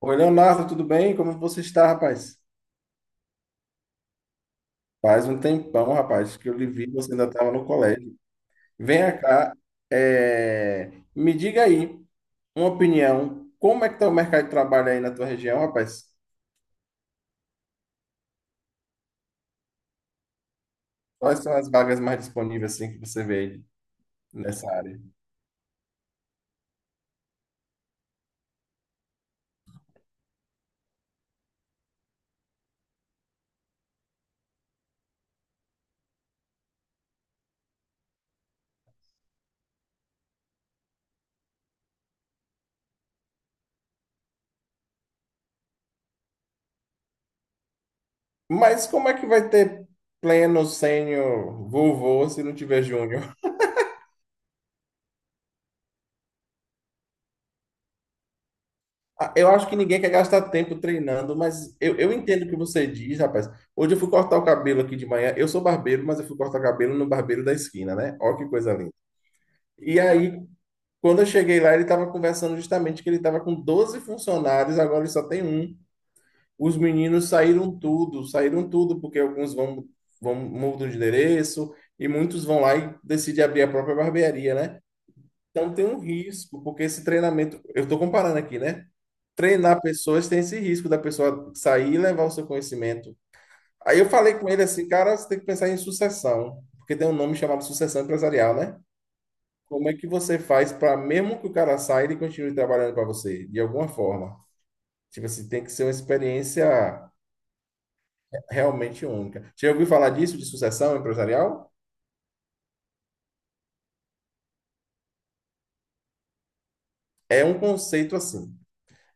Oi, Leonardo, tudo bem? Como você está, rapaz? Faz um tempão, rapaz, que eu lhe vi, você ainda estava no colégio. Venha cá, me diga aí uma opinião. Como é que está o mercado de trabalho aí na tua região, rapaz? Quais são as vagas mais disponíveis assim que você vê aí nessa área? Mas como é que vai ter pleno, sênior, vovô, se não tiver júnior? Ah, eu acho que ninguém quer gastar tempo treinando, mas eu entendo o que você diz, rapaz. Hoje eu fui cortar o cabelo aqui de manhã. Eu sou barbeiro, mas eu fui cortar o cabelo no barbeiro da esquina, né? Ó que coisa linda. E aí, quando eu cheguei lá, ele estava conversando justamente que ele estava com 12 funcionários, agora ele só tem um. Os meninos saíram tudo, porque alguns vão, mudam de endereço e muitos vão lá e decidem abrir a própria barbearia, né? Então tem um risco, porque esse treinamento, eu estou comparando aqui, né? Treinar pessoas tem esse risco da pessoa sair e levar o seu conhecimento. Aí eu falei com ele assim, cara, você tem que pensar em sucessão, porque tem um nome chamado sucessão empresarial, né? Como é que você faz para, mesmo que o cara saia, ele continue trabalhando para você, de alguma forma? Tipo assim, tem que ser uma experiência realmente única. Já ouviu falar disso, de sucessão empresarial? É um conceito assim.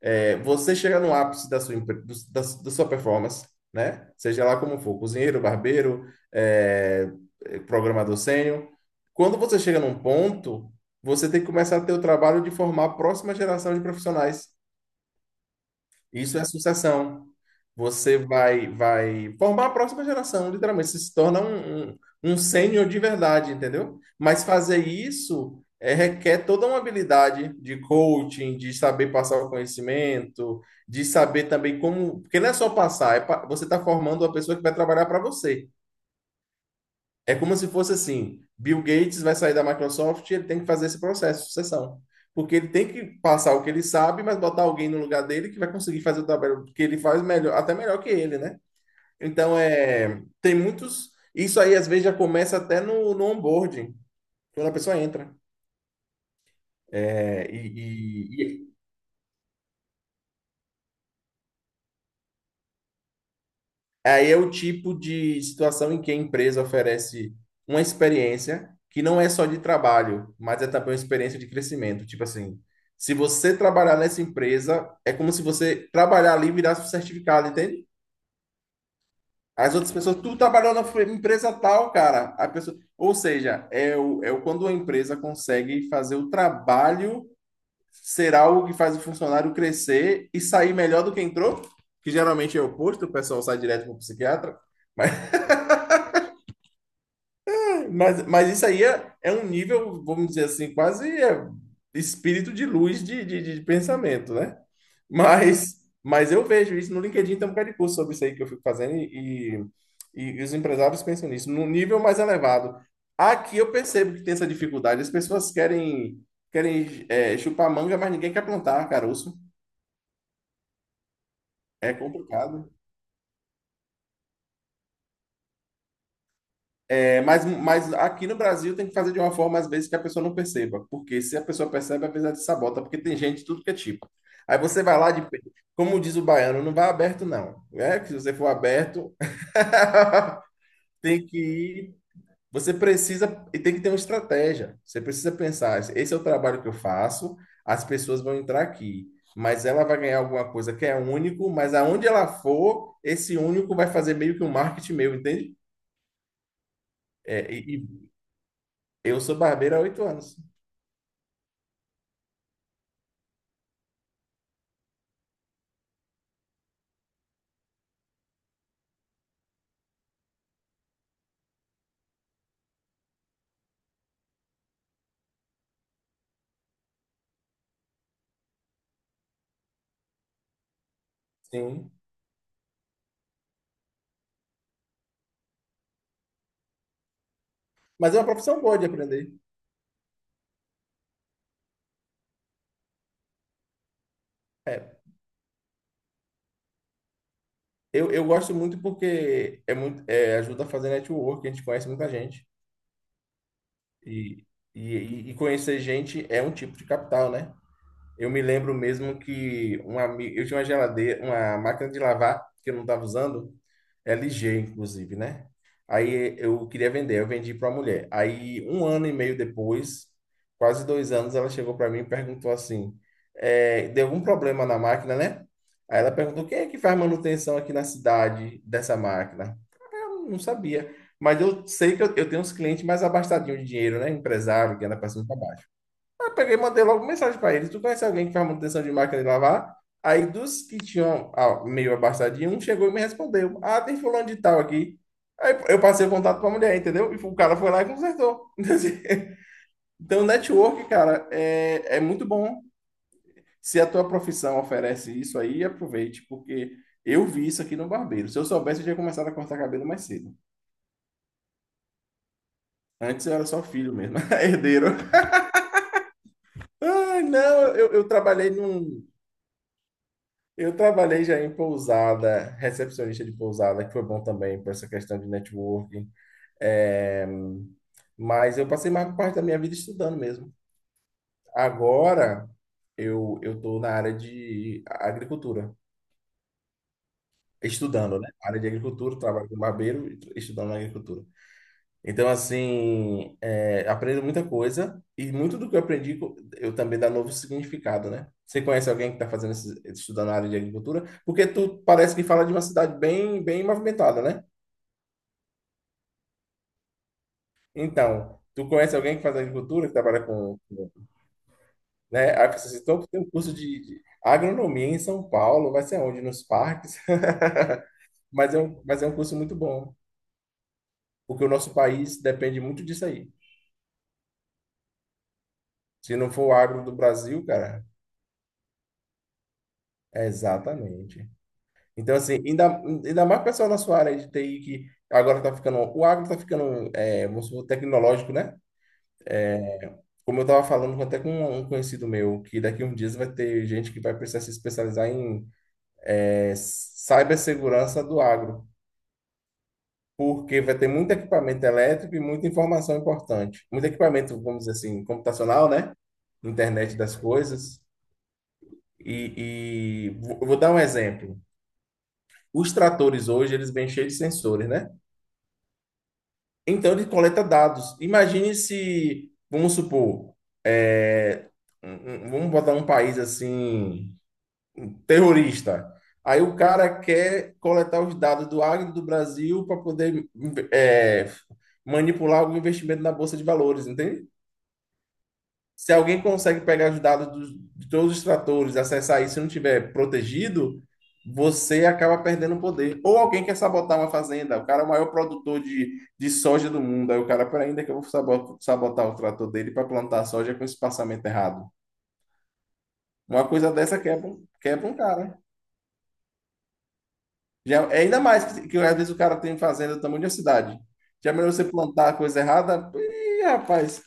É, você chega no ápice da sua, empre- do- da, da sua performance, né? Seja lá como for, cozinheiro, barbeiro, é, programador sênior. Quando você chega num ponto, você tem que começar a ter o trabalho de formar a próxima geração de profissionais. Isso é sucessão. Você vai formar a próxima geração, literalmente. Você se torna um sênior de verdade, entendeu? Mas fazer isso é, requer toda uma habilidade de coaching, de saber passar o conhecimento, de saber também como. Porque não é só passar, você está formando uma pessoa que vai trabalhar para você. É como se fosse assim: Bill Gates vai sair da Microsoft e ele tem que fazer esse processo de sucessão. Porque ele tem que passar o que ele sabe, mas botar alguém no lugar dele que vai conseguir fazer o trabalho que ele faz melhor, até melhor que ele, né? Então, é, tem muitos. Isso aí, às vezes, já começa até no onboarding, quando a pessoa entra. É, e, e- Aí é o tipo de situação em que a empresa oferece uma experiência que não é só de trabalho, mas é também uma experiência de crescimento. Tipo assim, se você trabalhar nessa empresa, é como se você trabalhar ali e virasse um certificado, entende? As outras pessoas, tu trabalhou na empresa tal, cara. A pessoa, ou seja, quando a empresa consegue fazer o trabalho ser algo que faz o funcionário crescer e sair melhor do que entrou, que geralmente é o oposto, o pessoal sai direto para o psiquiatra. Mas, mas isso aí é, é um nível, vamos dizer assim, quase é, espírito de luz de pensamento, né? Mas, mas eu vejo isso no LinkedIn, tem um bocado de curso sobre isso aí que eu fico fazendo e os empresários pensam nisso, num nível mais elevado. Aqui eu percebo que tem essa dificuldade, as pessoas querem é, chupar manga, mas ninguém quer plantar caroço. É complicado. É, mas aqui no Brasil tem que fazer de uma forma, às vezes, que a pessoa não perceba. Porque se a pessoa percebe, às vezes ela te sabota, porque tem gente de tudo que é tipo. Aí você vai lá de. Como diz o baiano, não vai aberto, não. É que se você for aberto, tem que ir. Você precisa. E tem que ter uma estratégia. Você precisa pensar: esse é o trabalho que eu faço, as pessoas vão entrar aqui. Mas ela vai ganhar alguma coisa que é único, mas aonde ela for, esse único vai fazer meio que um marketing meu, entende? É, e, Eu sou barbeiro há 8 anos. Sim. Mas é uma profissão boa de aprender. É. Eu gosto muito porque é muito, ajuda a fazer network, a gente conhece muita gente. E, e conhecer gente é um tipo de capital, né? Eu me lembro mesmo que um amigo, eu tinha uma geladeira, uma máquina de lavar que eu não estava usando, LG inclusive, né? Aí eu queria vender, eu vendi para uma mulher. Aí 1 ano e meio depois, quase 2 anos, ela chegou para mim e perguntou assim, deu algum problema na máquina, né? Aí ela perguntou quem é que faz manutenção aqui na cidade dessa máquina. Eu não sabia, mas eu sei que eu tenho uns clientes mais abastadinhos de dinheiro, né? Empresário que anda para cima e para baixo. Eu peguei e mandei logo mensagem para ele. Tu conhece alguém que faz manutenção de máquina de lavar? Aí dos que tinham meio abastadinho, um chegou e me respondeu. Ah, tem fulano de tal aqui. Aí eu passei o contato para a mulher, entendeu? E o cara foi lá e consertou. Então, network, cara, é muito bom. Se a tua profissão oferece isso aí, aproveite, porque eu vi isso aqui no barbeiro. Se eu soubesse, eu tinha começado a cortar cabelo mais cedo. Antes eu era só filho mesmo, herdeiro. Ai, não. Eu trabalhei já em pousada, recepcionista de pousada, que foi bom também por essa questão de networking. É, mas eu passei mais parte da minha vida estudando mesmo. Agora eu estou na área de agricultura, estudando, né? Área de agricultura, trabalho com barbeiro, e estudando na agricultura. Então, assim, é, aprendo muita coisa e muito do que eu aprendi eu também dá novo significado, né? Você conhece alguém que está fazendo esse, estudando na área de agricultura? Porque tu parece que fala de uma cidade bem, bem movimentada, né? Então, tu conhece alguém que faz agricultura, que trabalha com, né? Aí você citou que tem um curso de agronomia em São Paulo, vai ser onde? Nos parques? Mas é um curso muito bom, porque o nosso país depende muito disso aí. Se não for o agro do Brasil, cara, é exatamente. Então, assim, ainda mais o pessoal da sua área de TI que agora tá ficando. O agro tá ficando, é, vamos supor, tecnológico, né? Como eu tava falando até com um conhecido meu, que daqui a uns dias vai ter gente que vai precisar se especializar em cibersegurança do agro. Porque vai ter muito equipamento elétrico e muita informação importante. Muito equipamento, vamos dizer assim, computacional, né? Internet das coisas. E, vou dar um exemplo. Os tratores hoje, eles vêm cheios de sensores, né? Então ele coleta dados. Imagine se, vamos supor, é, vamos botar um país assim, um terrorista. Aí o cara quer coletar os dados do Agro do Brasil para poder é, manipular algum investimento na Bolsa de Valores, entende? Se alguém consegue pegar os dados de todos os tratores, acessar isso e não tiver protegido, você acaba perdendo o poder. Ou alguém quer sabotar uma fazenda, o cara é o maior produtor de soja do mundo, aí o cara, peraí, ainda que eu vou sabotar o trator dele para plantar soja com espaçamento errado. Uma coisa dessa quebra, quebra um cara. Já, é ainda mais que às vezes o cara tem fazenda do tamanho de uma cidade. Já é melhor você plantar a coisa errada? Ih, rapaz,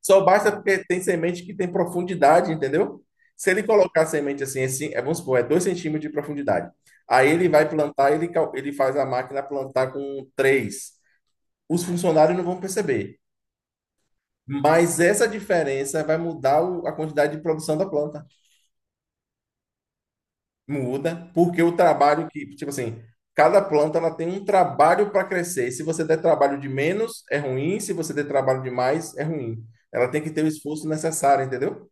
só basta porque tem semente que tem profundidade, entendeu? Se ele colocar a semente assim, assim, vamos supor, é 2 centímetros de profundidade. Aí ele vai plantar, ele, ele faz a máquina plantar com 3. Os funcionários não vão perceber. Mas essa diferença vai mudar a quantidade de produção da planta. Muda, porque o trabalho que, tipo assim, cada planta ela tem um trabalho para crescer. Se você der trabalho de menos, é ruim. Se você der trabalho de mais, é ruim. Ela tem que ter o esforço necessário, entendeu?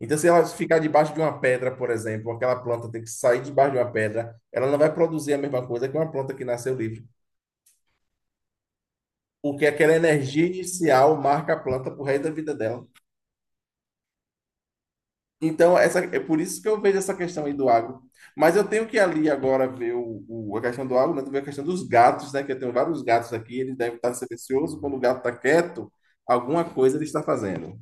Então, se ela ficar debaixo de uma pedra, por exemplo, aquela planta tem que sair debaixo de uma pedra, ela não vai produzir a mesma coisa que uma planta que nasceu livre, porque aquela energia inicial marca a planta pro resto da vida dela. Então, essa, é por isso que eu vejo essa questão aí do agro. Mas eu tenho que ali agora ver a questão do agro, né? Também a questão dos gatos, né? Que eu tenho vários gatos aqui, ele deve estar silencioso. Quando o gato está quieto, alguma coisa ele está fazendo.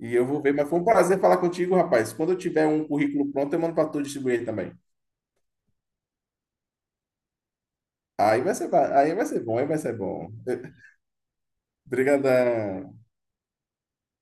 E eu vou ver, mas foi um prazer falar contigo, rapaz. Quando eu tiver um currículo pronto, eu mando para tu distribuir ele também. Aí vai ser, aí vai ser bom, aí vai ser bom. Brigadão.